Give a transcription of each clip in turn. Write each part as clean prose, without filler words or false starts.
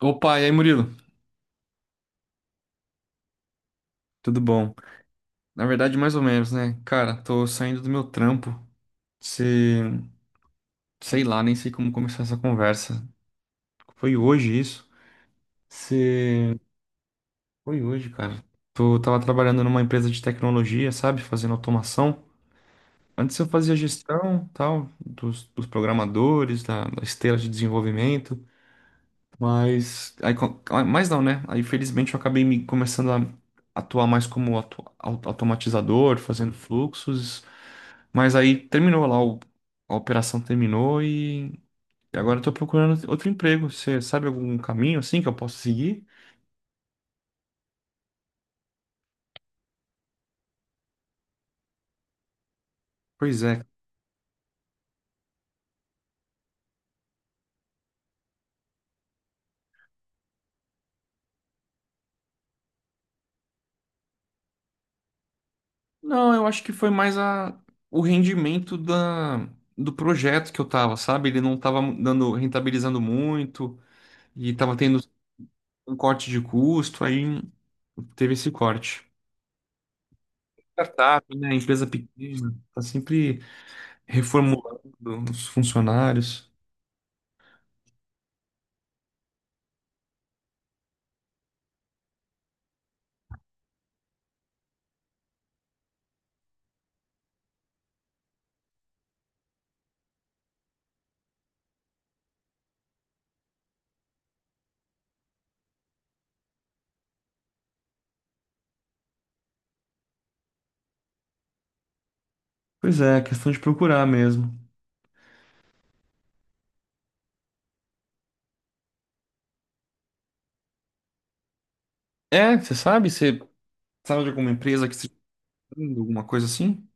Opa, e aí, Murilo? Tudo bom? Na verdade, mais ou menos, né? Cara, tô saindo do meu trampo. Se... sei lá, nem sei como começar essa conversa. Foi hoje isso? Se... foi hoje, cara. Tô... tava trabalhando numa empresa de tecnologia, sabe? Fazendo automação. Antes eu fazia gestão, tal, dos programadores, da esteira de desenvolvimento. Mas... aí, mas não, né? Aí, felizmente, eu acabei me começando a atuar mais como automatizador, fazendo fluxos. Mas aí terminou lá, a operação terminou e agora eu tô procurando outro emprego. Você sabe algum caminho assim que eu posso seguir? Pois é. Não, eu acho que foi mais a, o rendimento da, do projeto que eu tava, sabe? Ele não tava dando, rentabilizando muito e tava tendo um corte de custo, aí teve esse corte. Startup, né? Empresa pequena, tá sempre reformulando os funcionários. Pois é, questão de procurar mesmo. É, você sabe, você sabe de alguma empresa que esteja fazendo alguma coisa assim?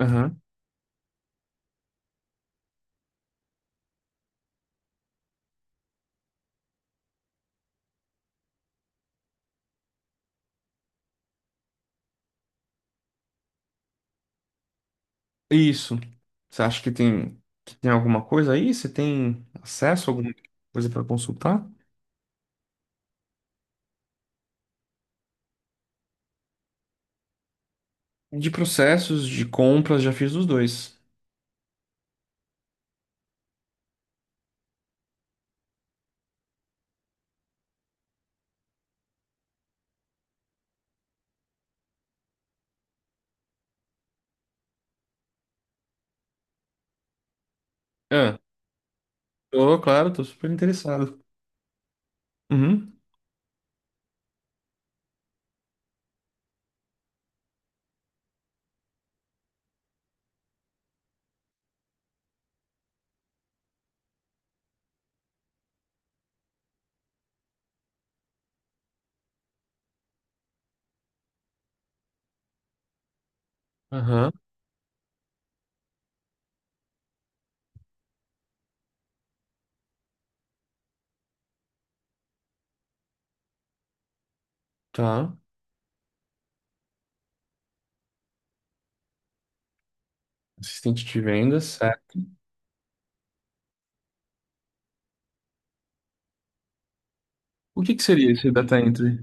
Aham. Isso. Você acha que tem alguma coisa aí? Você tem acesso a alguma coisa para consultar? De processos, de compras, já fiz os dois. Ah, tô, claro, tô super interessado. Uhum. Aham, tá. Assistente de vendas, certo. O que que seria esse data entry?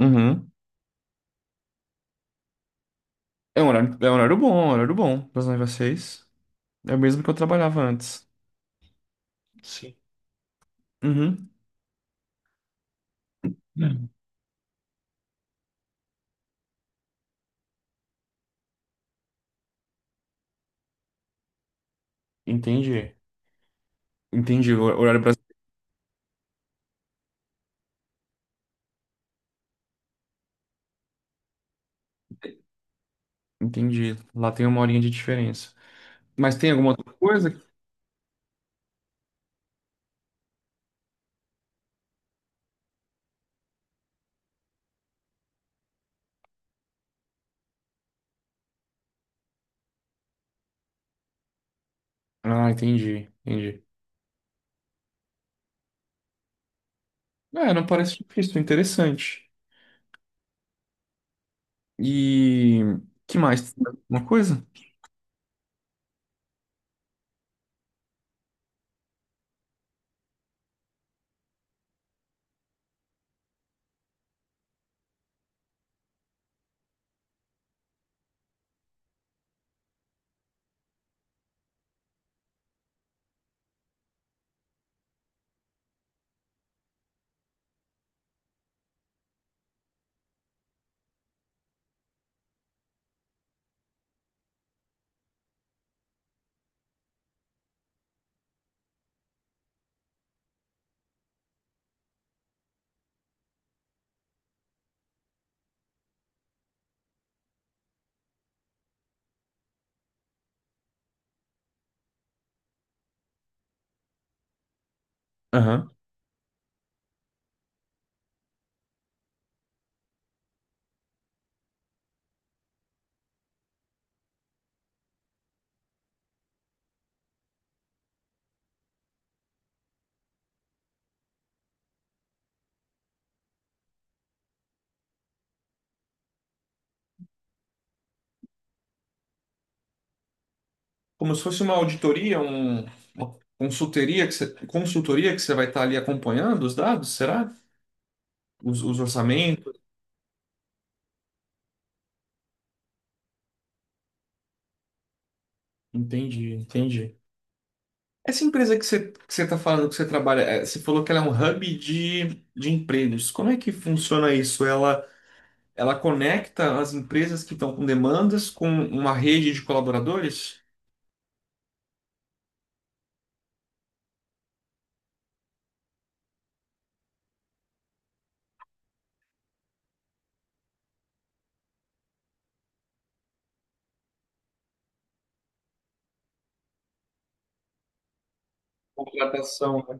Uhum. É um horário bom, é um horário bom das 9 às 6. É o mesmo que eu trabalhava antes. Sim. Uhum. Hum. Entendi. Entendi. O horário brasileiro. Entendi. Lá tem uma horinha de diferença. Mas tem alguma outra coisa? Ah, entendi, entendi. É, não parece difícil, interessante. E que mais? Uma coisa? Aham. Como se fosse uma auditoria, uma consultoria que você vai estar ali acompanhando os dados, será? Os orçamentos? Entendi, entendi. Essa empresa que você está falando que você trabalha, você falou que ela é um hub de empregos. Como é que funciona isso? Ela conecta as empresas que estão com demandas com uma rede de colaboradores? Contratação, né?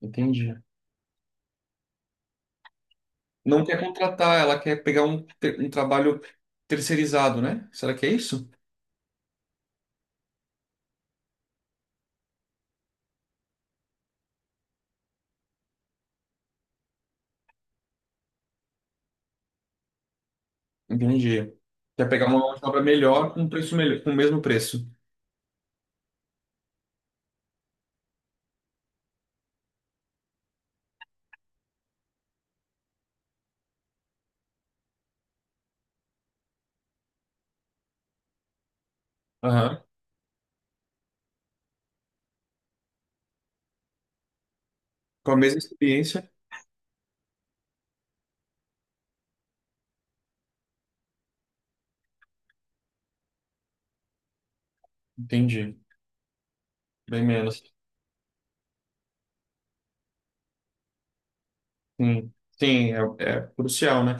Entendi. Não quer contratar, ela quer pegar um, um trabalho terceirizado, né? Será que é isso? Entendi. Quer pegar uma mão de obra melhor com um preço melhor, com o mesmo preço. Aham. Com a mesma experiência. Entendi. Bem menos. Sim, sim, é, é crucial, né?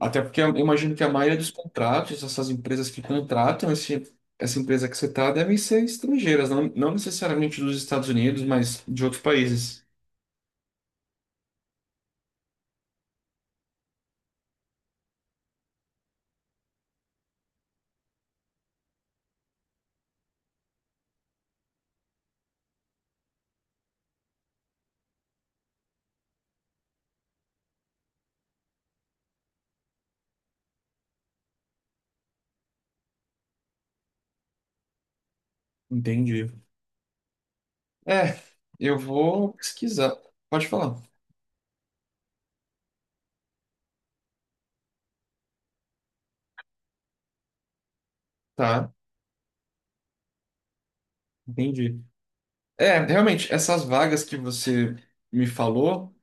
Até porque eu imagino que a maioria dos contratos, essas empresas que contratam esse, essa empresa que você está, devem ser estrangeiras, não, não necessariamente dos Estados Unidos, mas de outros países. Entendi. É, eu vou pesquisar. Pode falar. Tá, entendi. É, realmente, essas vagas que você me falou,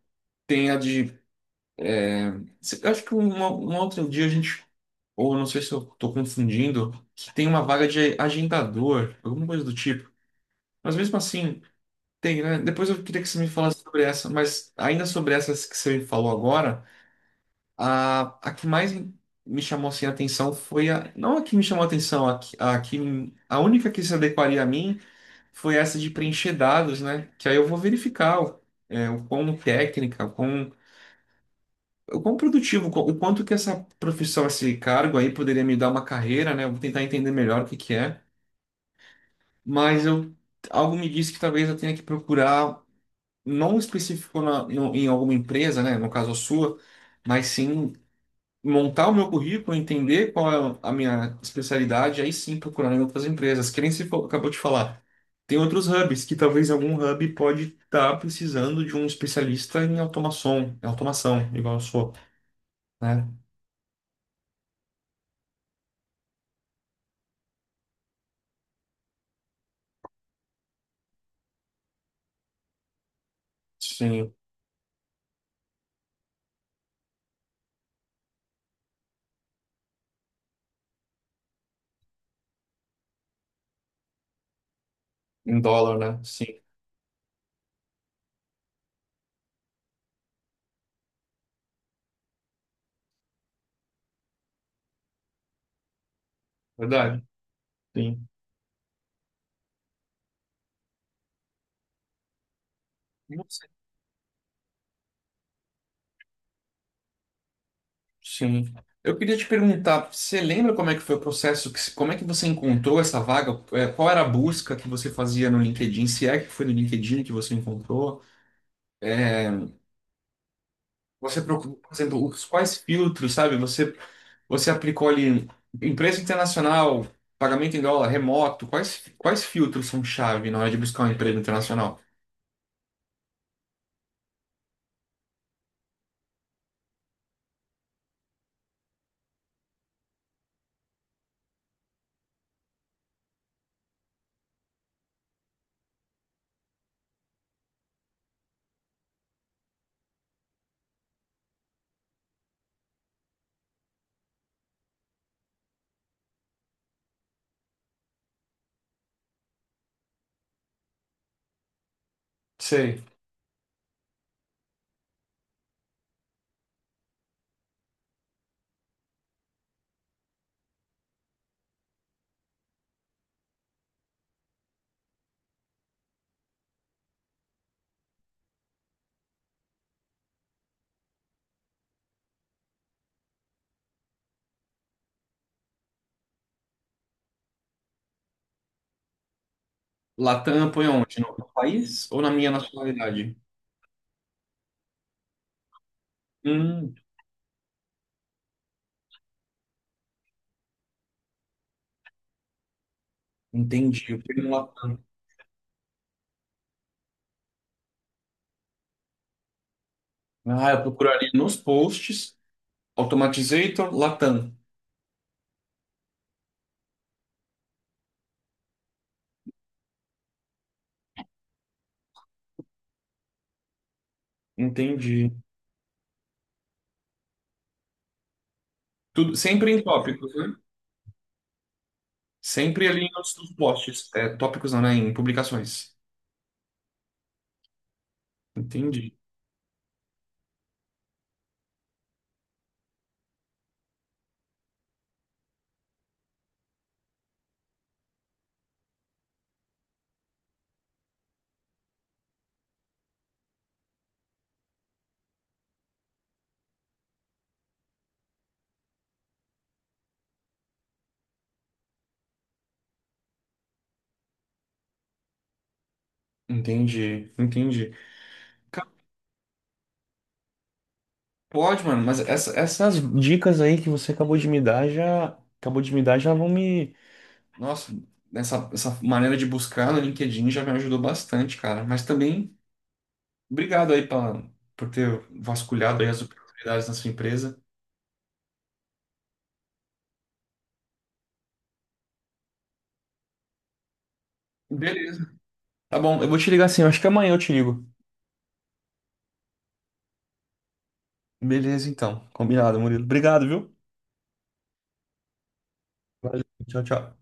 tem a de... eu acho que um outro dia a gente... ou não sei se eu estou confundindo, que tem uma vaga de agendador, alguma coisa do tipo. Mas mesmo assim. Tem, né? Depois eu queria que você me falasse sobre essa, mas ainda sobre essas que você falou agora, a que mais me chamou assim, a atenção foi a... não a que me chamou a atenção, a, que- a, que, a única que se adequaria a mim foi essa de preencher dados, né? Que aí eu vou verificar o, é, o quão técnica, o quão produtivo, o quão- o quanto que essa profissão, esse cargo aí poderia me dar uma carreira, né? Eu vou tentar entender melhor o que que é, mas eu... algo me disse que talvez eu tenha que procurar, não específico em alguma empresa, né, no caso a sua, mas sim montar o meu currículo, entender qual é a minha especialidade, aí sim procurar em outras empresas. Que nem você acabou de falar. Tem outros hubs que talvez algum hub pode estar precisando de um especialista em automação, igual eu sou, né? Sim, em dólar, né? Sim, verdade. Sim. Sim. Eu queria te perguntar, você lembra como é que foi o processo, que- como é que você encontrou essa vaga? É, qual era a busca que você fazia no LinkedIn? Se é que foi no LinkedIn que você encontrou? Você procurou, por exemplo, os quais filtros, sabe? Você, você aplicou ali empresa internacional, pagamento em dólar, remoto, quais filtros são chave na hora de buscar um emprego internacional? Sei. Latam põe onde? No país ou na minha nacionalidade? Hum, entendi. Eu fui no Latam. Ah, eu procuraria nos posts. Automatizator, Latam. Entendi. Tudo, sempre em tópicos, né? Sempre ali nos, nos posts. É, tópicos não, né? Em publicações. Entendi. Entendi. Entendi. Ca- Pode, mano, mas essas dicas aí que você acabou de me dar já. Acabou de me dar já vão me... nossa, essa maneira de buscar no LinkedIn já me ajudou bastante, cara. Mas também, obrigado aí pra, por ter vasculhado aí as oportunidades na sua empresa. Beleza. Tá bom, eu vou te ligar assim eu acho que amanhã eu te ligo. Beleza, então. Combinado, Murilo. Obrigado, viu? Valeu. Tchau, tchau.